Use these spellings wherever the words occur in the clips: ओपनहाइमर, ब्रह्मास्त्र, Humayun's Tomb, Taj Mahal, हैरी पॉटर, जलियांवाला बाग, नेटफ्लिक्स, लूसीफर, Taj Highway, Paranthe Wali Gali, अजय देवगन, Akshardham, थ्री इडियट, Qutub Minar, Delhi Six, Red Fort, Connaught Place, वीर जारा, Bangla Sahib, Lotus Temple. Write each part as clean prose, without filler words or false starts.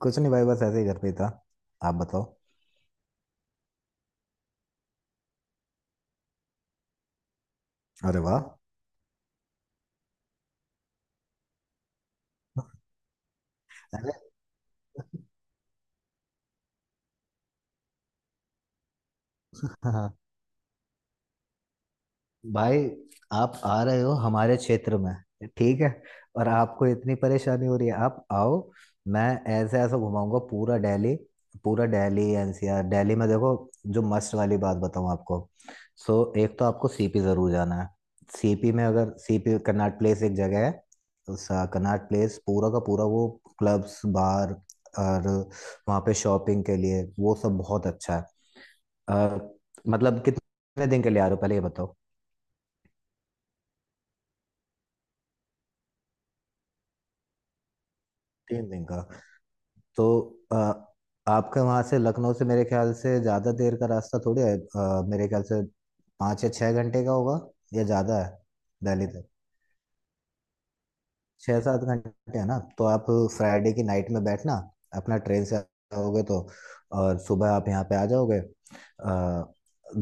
कुछ नहीं भाई, बस ऐसे ही घर पे ही था। आप बताओ। अरे वाह। अरे हाँ, भाई, आप आ रहे हो हमारे क्षेत्र में। ठीक है। और आपको इतनी परेशानी हो रही है, आप आओ। मैं ऐसे ऐसे घुमाऊंगा पूरा दिल्ली। पूरा दिल्ली एनसीआर, दिल्ली में देखो जो मस्त वाली बात बताऊं आपको। सो एक तो आपको सीपी जरूर जाना है। सीपी में अगर सीपी, कनॉट प्लेस, एक जगह है। उस कनॉट प्लेस पूरा का पूरा वो क्लब्स बार, और वहाँ पे शॉपिंग के लिए वो सब बहुत अच्छा है। अ, मतलब कितने दिन के लिए आ रहे हो, पहले ये बताओ। तीन दिन का। तो आ, आपके वहां से, लखनऊ से, मेरे ख्याल से ज्यादा देर का रास्ता थोड़ी है, मेरे ख्याल से पाँच या छः घंटे का होगा, या ज्यादा है। दिल्ली तक छः सात घंटे है ना, तो आप फ्राइडे की नाइट में बैठना अपना, ट्रेन से आओगे तो और सुबह आप यहाँ पे आ जाओगे।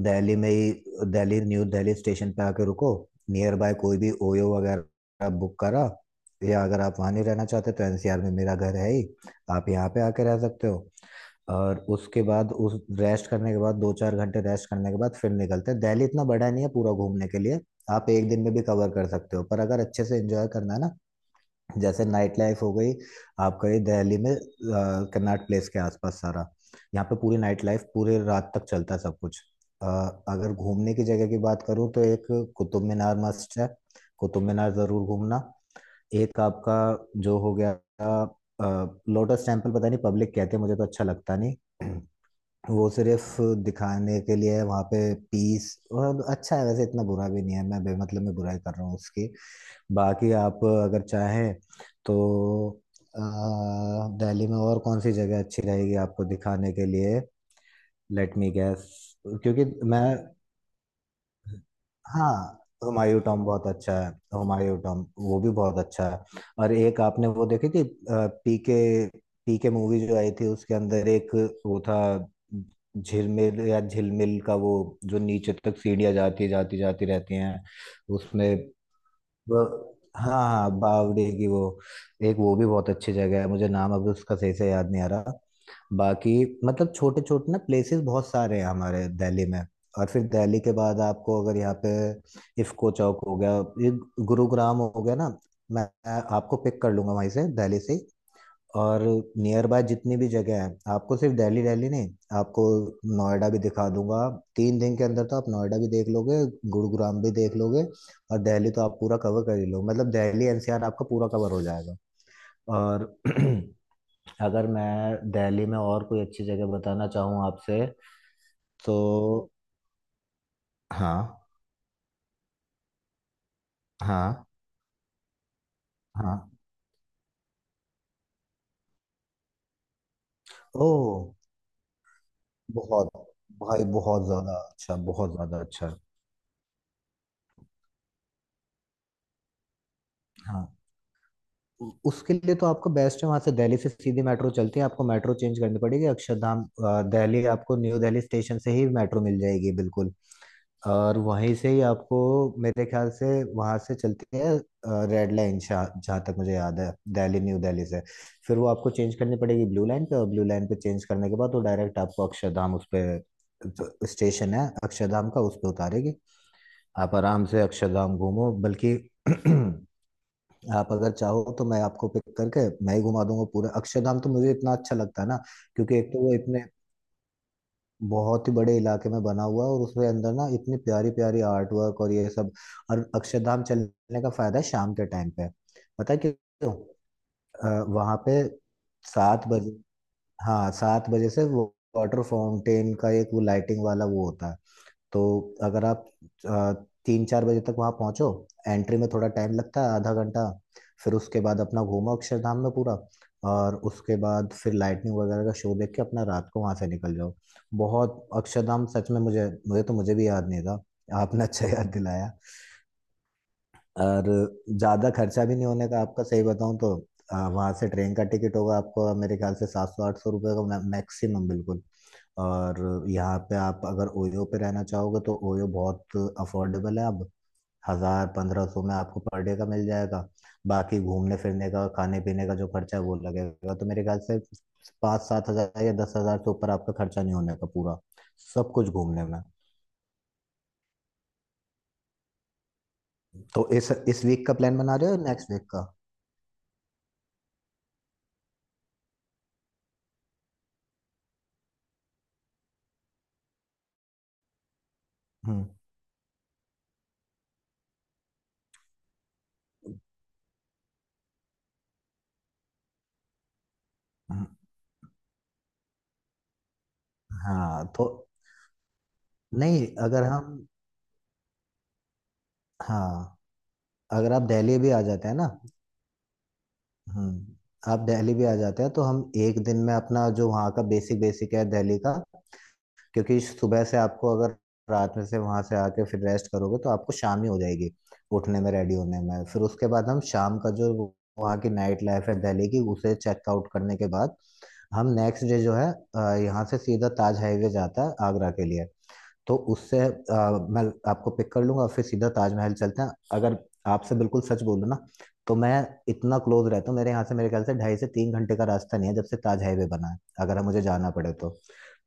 दिल्ली में ही, दिल्ली न्यू दिल्ली स्टेशन पे आके रुको। नियर बाय कोई भी ओयो वगैरह बुक करा, या अगर आप वहाँ नहीं रहना चाहते तो एनसीआर में मेरा घर है ही, आप यहाँ पे आके रह सकते हो। और उसके बाद उस रेस्ट करने के बाद, दो चार घंटे रेस्ट करने के बाद फिर निकलते हैं। दिल्ली इतना बड़ा नहीं है पूरा घूमने के लिए। आप एक दिन में भी कवर कर सकते हो, पर अगर अच्छे से एंजॉय करना है ना। जैसे नाइट लाइफ हो गई आपका, ये दिल्ली में कन्नाट प्लेस के आसपास सारा, यहाँ पे पूरी नाइट लाइफ पूरे रात तक चलता है सब कुछ। अ, अगर घूमने की जगह की बात करूँ तो एक कुतुब मीनार मस्ट है। कुतुब मीनार जरूर घूमना। एक आपका जो हो गया, लोटस टेम्पल, पता नहीं पब्लिक कहते हैं, मुझे तो अच्छा लगता नहीं। वो सिर्फ दिखाने के लिए है, वहाँ पे पीस। और अच्छा है वैसे, इतना बुरा भी नहीं है, मैं बेमतलब में बुराई कर रहा हूँ उसकी। बाकी आप अगर चाहें तो अ, दिल्ली में और कौन सी जगह अच्छी रहेगी आपको दिखाने के लिए। लेट मी गैस, क्योंकि मैं। हाँ, तो हुमायूं टॉम बहुत अच्छा है, तो हुमायूं टॉम वो भी बहुत अच्छा है। और एक आपने वो देखी थी, पीके, पीके मूवी जो आई थी, उसके अंदर एक वो था, झिलमिल या झिलमिल का, वो जो नीचे तक सीढ़ियाँ जाती जाती जाती रहती हैं उसमें। हाँ हाँ, बावड़ी की वो, एक वो भी बहुत अच्छी जगह है, मुझे नाम अभी उसका सही से याद नहीं आ रहा। बाकी मतलब छोटे छोटे ना प्लेसेस बहुत सारे हैं हमारे दिल्ली में। और फिर दिल्ली के बाद आपको, अगर यहाँ पे इफको चौक हो गया, ये गुरुग्राम हो गया ना, मैं आपको पिक कर लूंगा वहीं से, दिल्ली से। और नियर बाय जितनी भी जगह है, आपको सिर्फ दिल्ली दिल्ली नहीं, आपको नोएडा भी दिखा दूंगा। तीन दिन के अंदर तो आप नोएडा भी देख लोगे, गुरुग्राम भी देख लोगे, और दिल्ली तो आप पूरा कवर कर ही लो। मतलब दिल्ली एनसीआर आपका पूरा कवर हो जाएगा। और अगर मैं दिल्ली में और कोई अच्छी जगह बताना चाहूँ आपसे तो। हाँ हाँ हाँ। ओ, बहुत, भाई, बहुत ज्यादा अच्छा, बहुत ज्यादा अच्छा। हाँ, उसके लिए तो आपका बेस्ट है, वहां से दिल्ली से सीधी मेट्रो चलती है, आपको मेट्रो चेंज करनी पड़ेगी, अक्षरधाम दिल्ली, आपको न्यू दिल्ली स्टेशन से ही मेट्रो मिल जाएगी बिल्कुल। और वहीं से ही आपको, मेरे ख्याल से वहां से चलती है रेड लाइन, जहाँ तक मुझे याद है, दिल्ली न्यू दिल्ली से। फिर वो आपको चेंज करनी पड़ेगी ब्लू लाइन पे, और ब्लू लाइन पे चेंज करने के बाद वो डायरेक्ट आपको अक्षरधाम, उस पे, जो स्टेशन है अक्षरधाम का, उस पे उतारेगी। आप आराम से अक्षरधाम घूमो, बल्कि आप अगर चाहो तो मैं आपको पिक करके मैं ही घुमा दूंगा पूरा अक्षरधाम, तो मुझे इतना अच्छा लगता है ना। क्योंकि एक तो वो इतने बहुत ही बड़े इलाके में बना हुआ है, और उसके अंदर ना इतनी प्यारी प्यारी आर्ट वर्क और ये सब। और अक्षरधाम चलने का फायदा है शाम के टाइम पे, पता है क्यों। अ, वहाँ पे 7 बजे, हाँ 7 बजे से वो वाटर फाउंटेन का एक वो लाइटिंग वाला वो होता है। तो अगर आप आ, तीन चार बजे तक वहाँ पहुँचो। एंट्री में थोड़ा टाइम लगता है, आधा घंटा। फिर उसके बाद अपना घूमो अक्षरधाम में पूरा, और उसके बाद फिर लाइटनिंग वगैरह का शो देख के अपना रात को वहाँ से निकल जाओ। बहुत अक्षरधाम सच में, मुझे मुझे तो मुझे भी याद नहीं था, आपने अच्छा याद दिलाया। और ज़्यादा खर्चा भी नहीं होने का आपका, सही बताऊँ तो वहाँ से ट्रेन का टिकट होगा आपको, मेरे ख्याल से 700 800 रुपये का मैक्सिमम, बिल्कुल। और यहाँ पे आप अगर ओयो पे रहना चाहोगे तो ओयो बहुत अफोर्डेबल है अब। 1000 1500 में आपको पर डे का मिल जाएगा। बाकी घूमने फिरने का, खाने पीने का जो खर्चा है वो लगेगा, तो मेरे ख्याल से पाँच सात हज़ार या 10 हज़ार से ऊपर आपका खर्चा नहीं होने का पूरा, सब कुछ घूमने में। तो इस वीक का प्लान बना रहे हो, नेक्स्ट वीक का? हम्म। हाँ तो। नहीं अगर हम, हाँ, अगर आप दिल्ली भी आ जाते हैं ना। आप दिल्ली भी आ जाते हैं तो हम एक दिन में अपना जो वहाँ का बेसिक बेसिक है दिल्ली का, क्योंकि सुबह से आपको अगर रात में से वहाँ से आके फिर रेस्ट करोगे तो आपको शाम ही हो जाएगी उठने में, रेडी होने में। फिर उसके बाद हम शाम का जो वहाँ की नाइट लाइफ है दिल्ली की, उसे चेकआउट करने के बाद, हम नेक्स्ट डे जो है यहाँ से सीधा ताज हाईवे जाता है आगरा के लिए, तो उससे मैं आपको पिक कर लूंगा और फिर सीधा ताजमहल चलते हैं। अगर आपसे बिल्कुल सच बोलूं ना तो मैं इतना क्लोज रहता हूँ, मेरे यहाँ से मेरे ख्याल से 2.5 से 3 घंटे का रास्ता नहीं है, जब से ताज हाईवे बना है, अगर हम, मुझे जाना पड़े तो।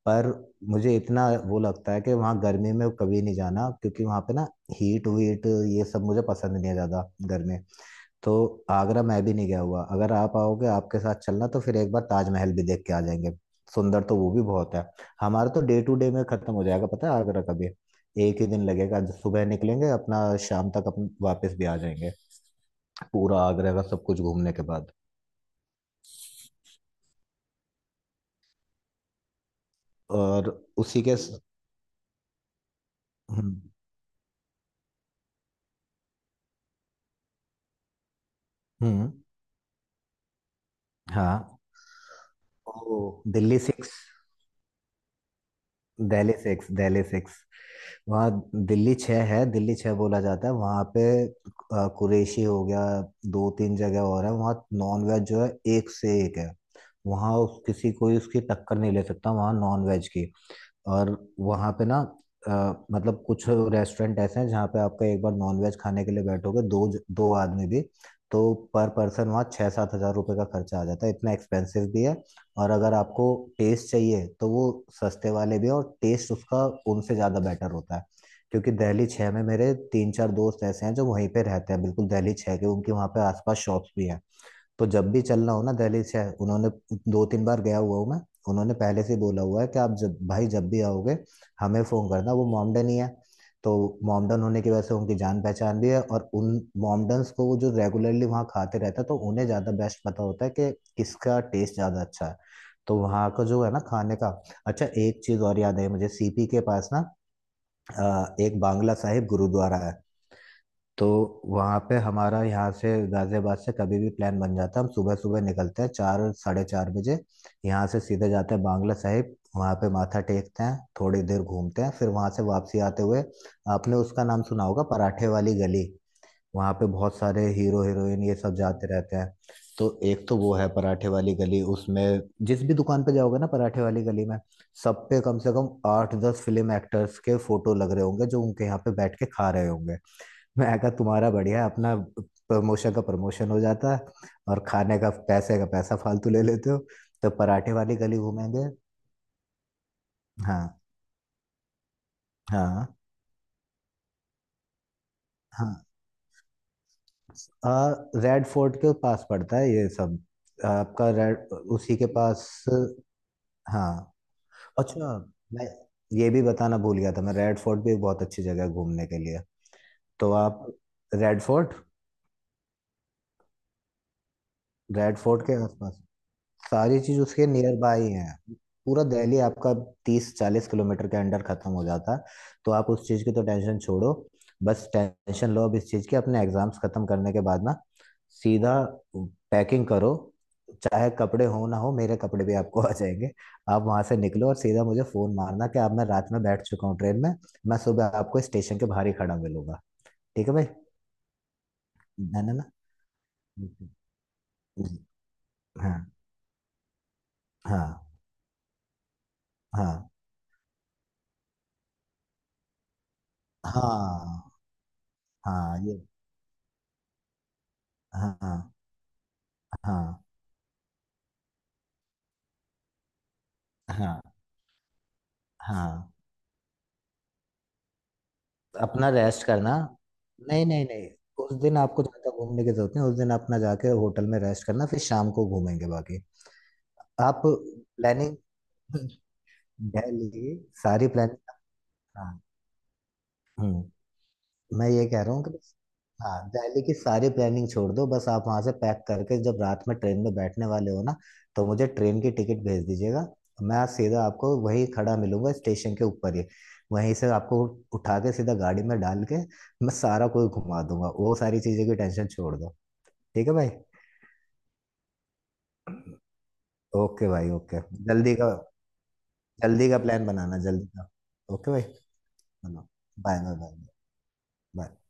पर मुझे इतना वो लगता है कि वहाँ गर्मी में कभी नहीं जाना, क्योंकि वहाँ पे ना हीट वीट ये सब मुझे पसंद नहीं है, ज़्यादा गर्मी। तो आगरा मैं भी नहीं गया हुआ, अगर आप आओगे, आपके साथ चलना, तो फिर एक बार ताजमहल भी देख के आ जाएंगे। सुंदर तो वो भी बहुत है। हमारा तो डे टू डे में खत्म हो जाएगा पता है, आगरा का भी एक ही दिन लगेगा, जो सुबह निकलेंगे अपना, शाम तक अपन वापस भी आ जाएंगे, पूरा आगरा का सब कुछ घूमने के बाद। और उसी के। हम्म। हम्म। हाँ। ओ, Delhi six, Delhi six, Delhi six. वहाँ दिल्ली छः है, दिल्ली छः बोला जाता है वहाँ पे। कुरैशी हो गया, दो तीन जगह और है वहाँ। नॉन वेज जो है, एक से एक है, वहाँ किसी, कोई उसकी टक्कर नहीं ले सकता वहाँ नॉन वेज की। और वहाँ पे ना अ, मतलब कुछ रेस्टोरेंट ऐसे हैं जहाँ पे आपका एक बार नॉनवेज खाने के लिए बैठोगे, दो दो आदमी भी, तो पर पर्सन वहाँ 6-7 हजार रुपये का खर्चा आ जाता है, इतना एक्सपेंसिव भी है। और अगर आपको टेस्ट चाहिए तो वो सस्ते वाले भी हैं, और टेस्ट उसका उनसे ज़्यादा बेटर होता है। क्योंकि दिल्ली छः में मेरे तीन चार दोस्त ऐसे हैं जो वहीं पे रहते हैं बिल्कुल दिल्ली छः के, उनके वहाँ पे आसपास शॉप्स भी हैं। तो जब भी चलना हो ना दिल्ली से, उन्होंने, दो तीन बार गया हुआ हूँ मैं, उन्होंने पहले से बोला हुआ है कि आप जब भाई, जब भी आओगे हमें फ़ोन करना, वो मॉमडन ही है। तो मॉमडन होने की वजह से उनकी जान पहचान भी है, और उन मॉमडन्स को, वो जो रेगुलरली वहाँ खाते रहता है, तो उन्हें ज़्यादा बेस्ट पता होता है कि किसका टेस्ट ज़्यादा अच्छा है। तो वहाँ का जो है ना खाने का। अच्छा, एक चीज़ और याद आई मुझे, सीपी के पास ना एक बांग्ला साहिब गुरुद्वारा है। तो वहाँ पे हमारा, यहाँ से गाजियाबाद से कभी भी प्लान बन जाता है, हम सुबह सुबह निकलते हैं 4, 4:30 बजे, यहाँ से सीधे जाते हैं बांग्ला साहिब, वहाँ पे माथा टेकते हैं थोड़ी देर, घूमते हैं, फिर वहाँ से वापसी आते हुए, आपने उसका नाम सुना होगा, पराठे वाली गली, वहाँ पे बहुत सारे हीरो हीरोइन ये सब जाते रहते हैं। तो एक तो वो है पराठे वाली गली, उसमें जिस भी दुकान पे जाओगे ना, पराठे वाली गली में, सब पे कम से कम आठ दस फिल्म एक्टर्स के फोटो लग रहे होंगे, जो उनके यहाँ पे बैठ के खा रहे होंगे। मैं कहा, तुम्हारा बढ़िया, अपना प्रमोशन का प्रमोशन हो जाता है, और खाने का, पैसे का पैसा फालतू ले लेते हो। तो पराठे वाली गली घूमेंगे। हाँ हाँ हाँ। आ, रेड फोर्ट के पास पड़ता है ये सब, आपका रेड, उसी के पास। हाँ। अच्छा, मैं ये भी बताना भूल गया था, मैं रेड फोर्ट भी एक बहुत अच्छी जगह है घूमने के लिए। तो आप रेड फोर्ट, रेड फोर्ट के आसपास सारी चीज उसके नियर बाय है। पूरा दिल्ली आपका 30-40 किलोमीटर के अंडर खत्म हो जाता। तो आप उस चीज की तो टेंशन छोड़ो, बस टेंशन लो अब इस चीज की, अपने एग्जाम्स खत्म करने के बाद ना सीधा पैकिंग करो। चाहे कपड़े हो ना हो, मेरे कपड़े भी आपको आ जाएंगे। आप वहां से निकलो और सीधा मुझे फोन मारना कि आप, मैं रात में बैठ चुका हूँ ट्रेन में, मैं सुबह आपको स्टेशन के बाहर ही खड़ा मिलूंगा। ठीक है भाई, है ना ना? जी, हाँ। हाँ। हाँ हाँ। हाँ, ये। हाँ हाँ। हाँ हाँ हाँ। अपना रेस्ट करना। नहीं नहीं नहीं, उस दिन आपको ज्यादा घूमने की जरूरत नहीं, उस दिन अपना जाके होटल में रेस्ट करना, फिर शाम को घूमेंगे बाकी। आप प्लानिंग, दिल्ली, सारी प्लानिंग। हाँ, मैं ये कह रहा हूँ कि बस, हाँ, दिल्ली की सारी प्लानिंग छोड़ दो, बस आप वहां से पैक करके जब रात में ट्रेन में बैठने वाले हो ना, तो मुझे ट्रेन की टिकट भेज दीजिएगा। मैं आज सीधा आपको वहीं खड़ा मिलूंगा स्टेशन के ऊपर ही, वहीं से आपको उठा के सीधा गाड़ी में डाल के मैं सारा कोई घुमा दूंगा, वो सारी चीजें की टेंशन छोड़ दो। ठीक है भाई। ओके भाई, ओके। जल्दी का, जल्दी का प्लान बनाना, जल्दी का। ओके भाई, बनाओ। Bye bye bye bye.